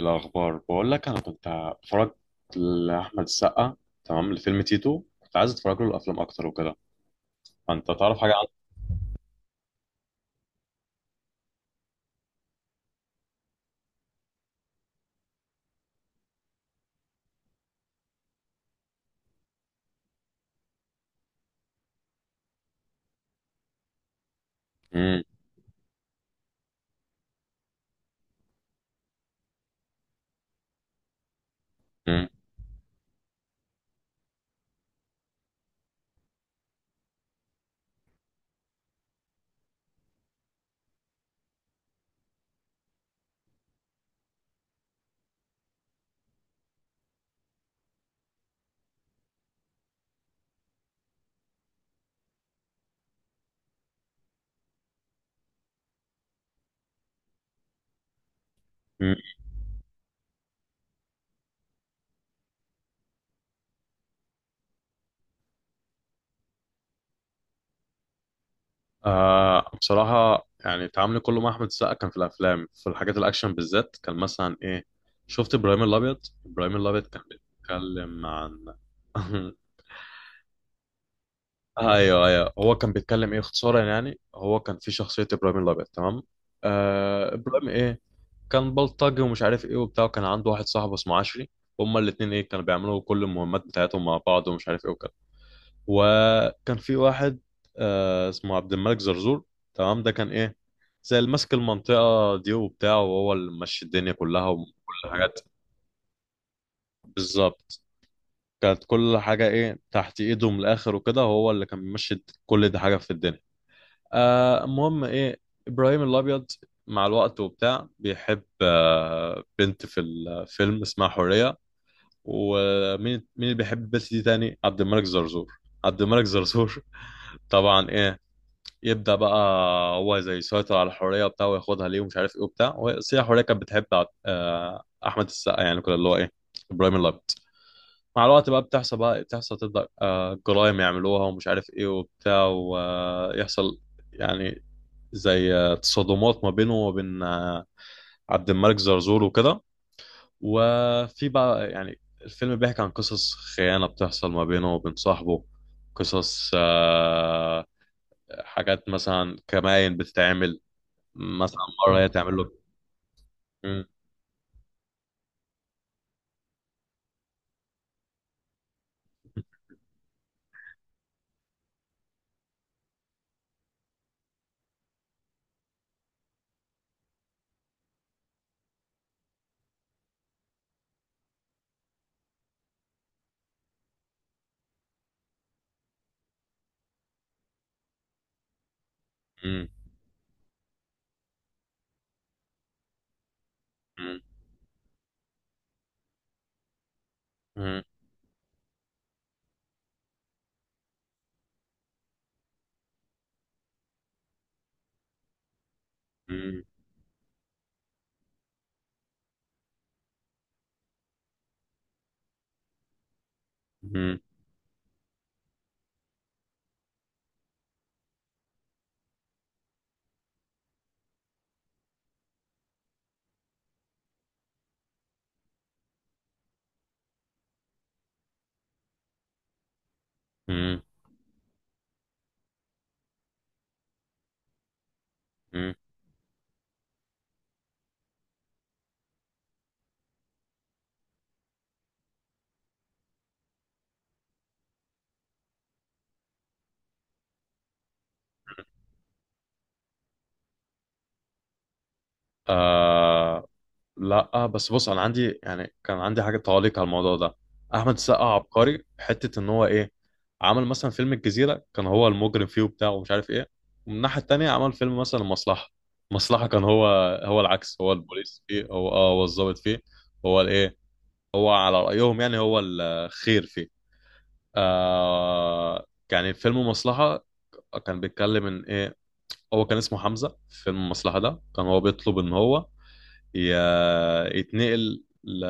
الأخبار بقول لك أنا كنت بتفرج لأحمد السقا، تمام، لفيلم تيتو. كنت عايز أتفرج له الأفلام أكتر وكده. فأنت تعرف حاجة عنه؟ مم، مم، مم. آه بصراحة يعني تعاملي كله مع أحمد السقا كان في الأفلام، في الحاجات الأكشن بالذات. كان مثلا إيه، شفت إبراهيم الأبيض. إبراهيم الأبيض كان بيتكلم عن أيوه أيوه، هو كان بيتكلم إيه اختصارا. يعني هو كان في شخصية إبراهيم الأبيض، تمام؟ آه إبراهيم إيه، كان بلطجي ومش عارف ايه وبتاع، وكان عنده واحد صاحبه اسمه عشري. هما الاتنين ايه، كانوا بيعملوا كل المهمات بتاعتهم مع بعض ومش عارف ايه وكده. وكان في واحد آه اسمه عبد الملك زرزور، تمام. ده كان ايه، زي اللي ماسك المنطقة دي وبتاع، وهو اللي ماشي الدنيا كلها وكل حاجات. بالظبط، كانت كل حاجة ايه تحت ايده من الاخر وكده، هو اللي كان بيمشي كل دي حاجة في الدنيا. آه المهم ايه، ابراهيم الابيض مع الوقت وبتاع بيحب آه بنت في الفيلم اسمها حورية. ومين مين اللي بيحب البنت دي تاني؟ عبد الملك زرزور. عبد الملك زرزور طبعا ايه، يبدأ بقى. هو زي يسيطر على حورية وبتاع وياخدها ليه ومش عارف ايه وبتاع، وهي حورية كانت بتحب احمد السقا، يعني كده اللي هو ايه، ابراهيم الابيض. مع الوقت بقى بتحصل بقى بتحصل، تبدأ آه جرايم يعملوها ومش عارف ايه وبتاع، ويحصل يعني زي آه، تصادمات ما بينه وبين آه، عبد الملك زرزور وكده. وفي بقى يعني الفيلم بيحكي عن قصص خيانة بتحصل ما بينه وبين صاحبه، قصص آه، حاجات مثلا كمائن بتتعمل، مثلا مرة هي تعمل له. مم، مم، مم، مم، مم، مم، مم، مم. آه، لا بس بص انا عندي، يعني كان عندي حاجه تعليق على الموضوع ده. احمد السقا عبقري في حته ان هو ايه، عمل مثلا فيلم الجزيره، كان هو المجرم فيه وبتاع ومش عارف ايه. ومن الناحيه التانيه عمل فيلم مثلا المصلحه. المصلحه كان هو، هو العكس، هو البوليس فيه، هو اه هو الضابط فيه. هو الايه، هو على رايهم يعني، هو الخير فيه. آه، يعني فيلم المصلحه كان بيتكلم ان ايه، هو كان اسمه حمزه. في فيلم المصلحه ده كان هو بيطلب ان هو يتنقل ل،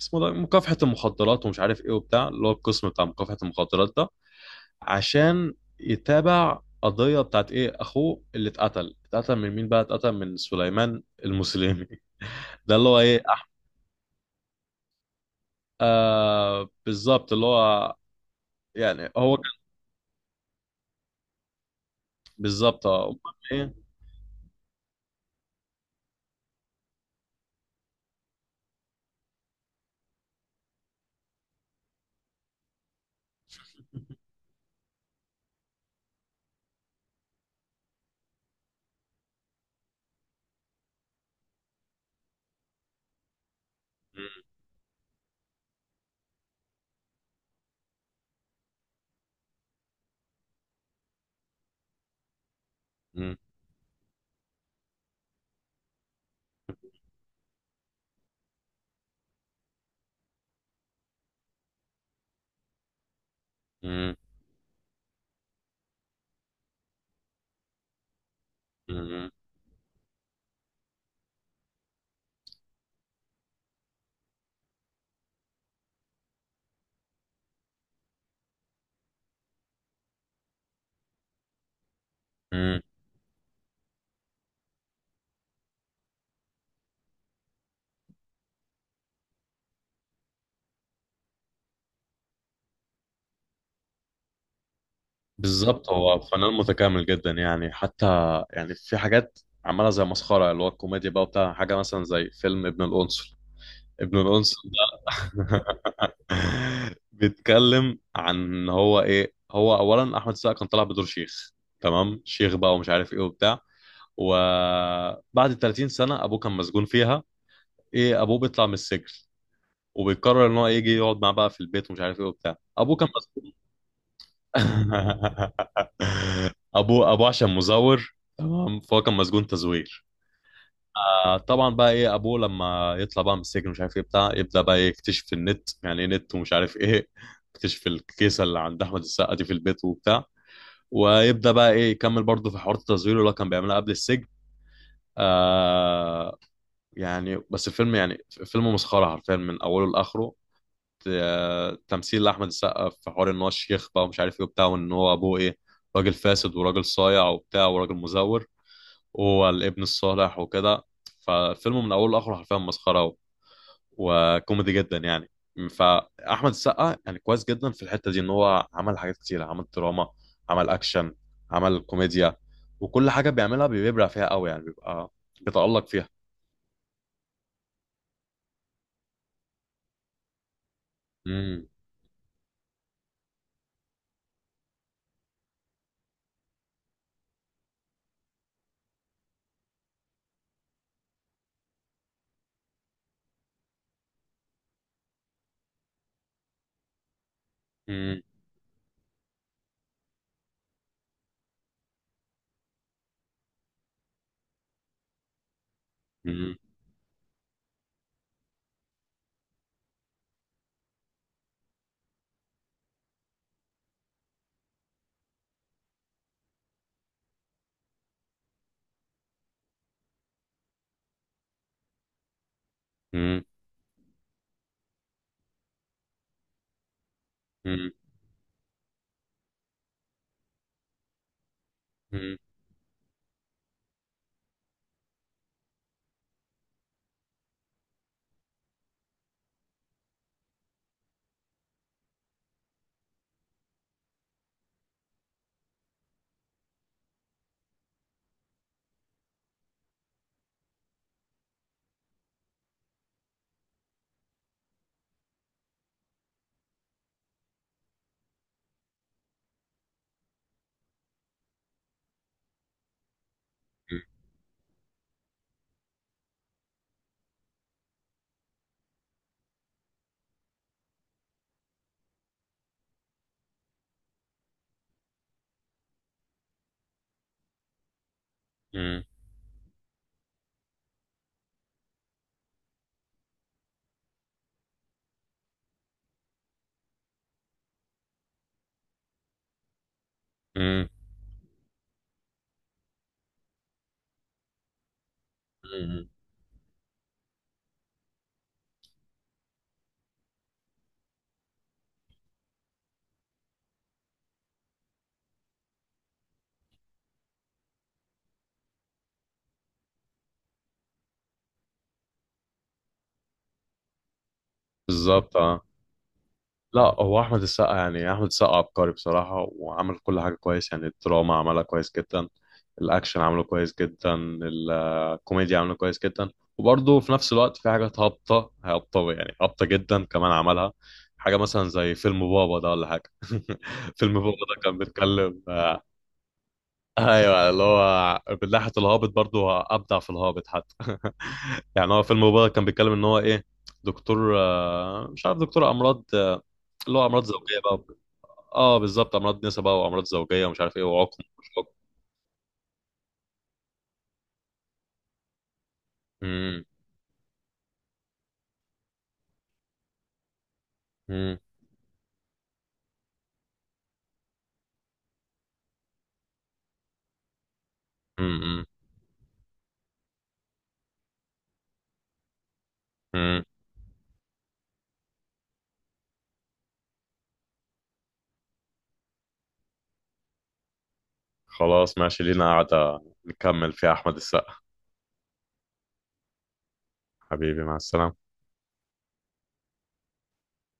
اسمه ده مكافحة المخدرات ومش عارف ايه وبتاع، اللي هو القسم بتاع مكافحة المخدرات ده، عشان يتابع قضية بتاعت ايه اخوه اللي اتقتل. اتقتل من مين بقى؟ اتقتل من سليمان المسلمي ده اللي هو ايه، احمد. آه بالظبط، اللي هو يعني هو كان. بالظبط اه. أمال ايه؟ م- م- م- م- م- بالظبط، هو فنان متكامل جدا يعني. حتى يعني في حاجات عملها زي مسخرة، اللي هو الكوميديا بقى بتاع، حاجة مثلا زي فيلم ابن القنصل. ابن القنصل ده بيتكلم عن إن هو ايه، هو اولا احمد السقا كان طالع بدور شيخ، تمام، شيخ بقى ومش عارف ايه وبتاع. وبعد 30 سنة ابوه كان مسجون فيها، ايه ابوه بيطلع من السجن، وبيقرر ان هو يجي يقعد معاه بقى في البيت ومش عارف ايه وبتاع. ابوه كان مسجون ابوه ابوه عشان مزور، تمام، فهو كان مسجون تزوير. آه، طبعا بقى ايه، ابوه لما يطلع بقى من السجن مش عارف ايه بتاع، يبدا بقى إيه يكتشف النت، يعني ايه نت ومش عارف ايه، يكتشف الكيسه اللي عند احمد السقا دي في البيت وبتاع، ويبدا بقى ايه يكمل برضه في حوار التزوير اللي هو كان بيعملها قبل السجن. آه، يعني بس الفيلم يعني، فيلم مسخره حرفيا من اوله لاخره. آه، تمثيل لاحمد السقا في حوار ان هو الشيخ بقى ومش عارف ايه وبتاع، وان هو ابوه ايه، راجل فاسد وراجل صايع وبتاع وراجل مزور، وهو الابن الصالح وكده. فالفيلم من اوله لاخره حرفيا مسخره، وكوميدي جدا يعني. فاحمد السقا يعني كويس جدا في الحته دي، ان هو عمل حاجات كتير، عمل دراما، عمل اكشن، عمل كوميديا. وكل حاجه بيعملها بيبرع فيها قوي، يعني بيبقى بيتالق فيها. امم، امم، امم، امم، امم، امم، امم، بالظبط اه. لا، هو احمد السقا يعني، احمد السقا عبقري بصراحه، وعمل كل حاجه كويس يعني. الدراما عملها كويس جدا، الاكشن عمله كويس جدا، الكوميديا عمله كويس جدا. وبرضه في نفس الوقت في حاجات هابطه، هابطه يعني، هابطه جدا كمان عملها. حاجه مثلا زي فيلم بابا ده ولا حاجه فيلم بابا ده كان بيتكلم آه، ايوه اللي هو من ناحيه الهابط برضه، هو ابدع في الهابط حتى يعني هو فيلم بابا كان بيتكلم ان هو ايه، دكتور آه، مش عارف، دكتور امراض، اللي هو امراض زوجيه بقى. اه بالظبط، امراض نسا بقى، وامراض زوجيه ومش عارف ايه، وعقم ومش عقم. امم، امم، امم، أمم. خلاص ماشي، لينا قاعده نكمل فيها احمد السقا. حبيبي مع السلامه.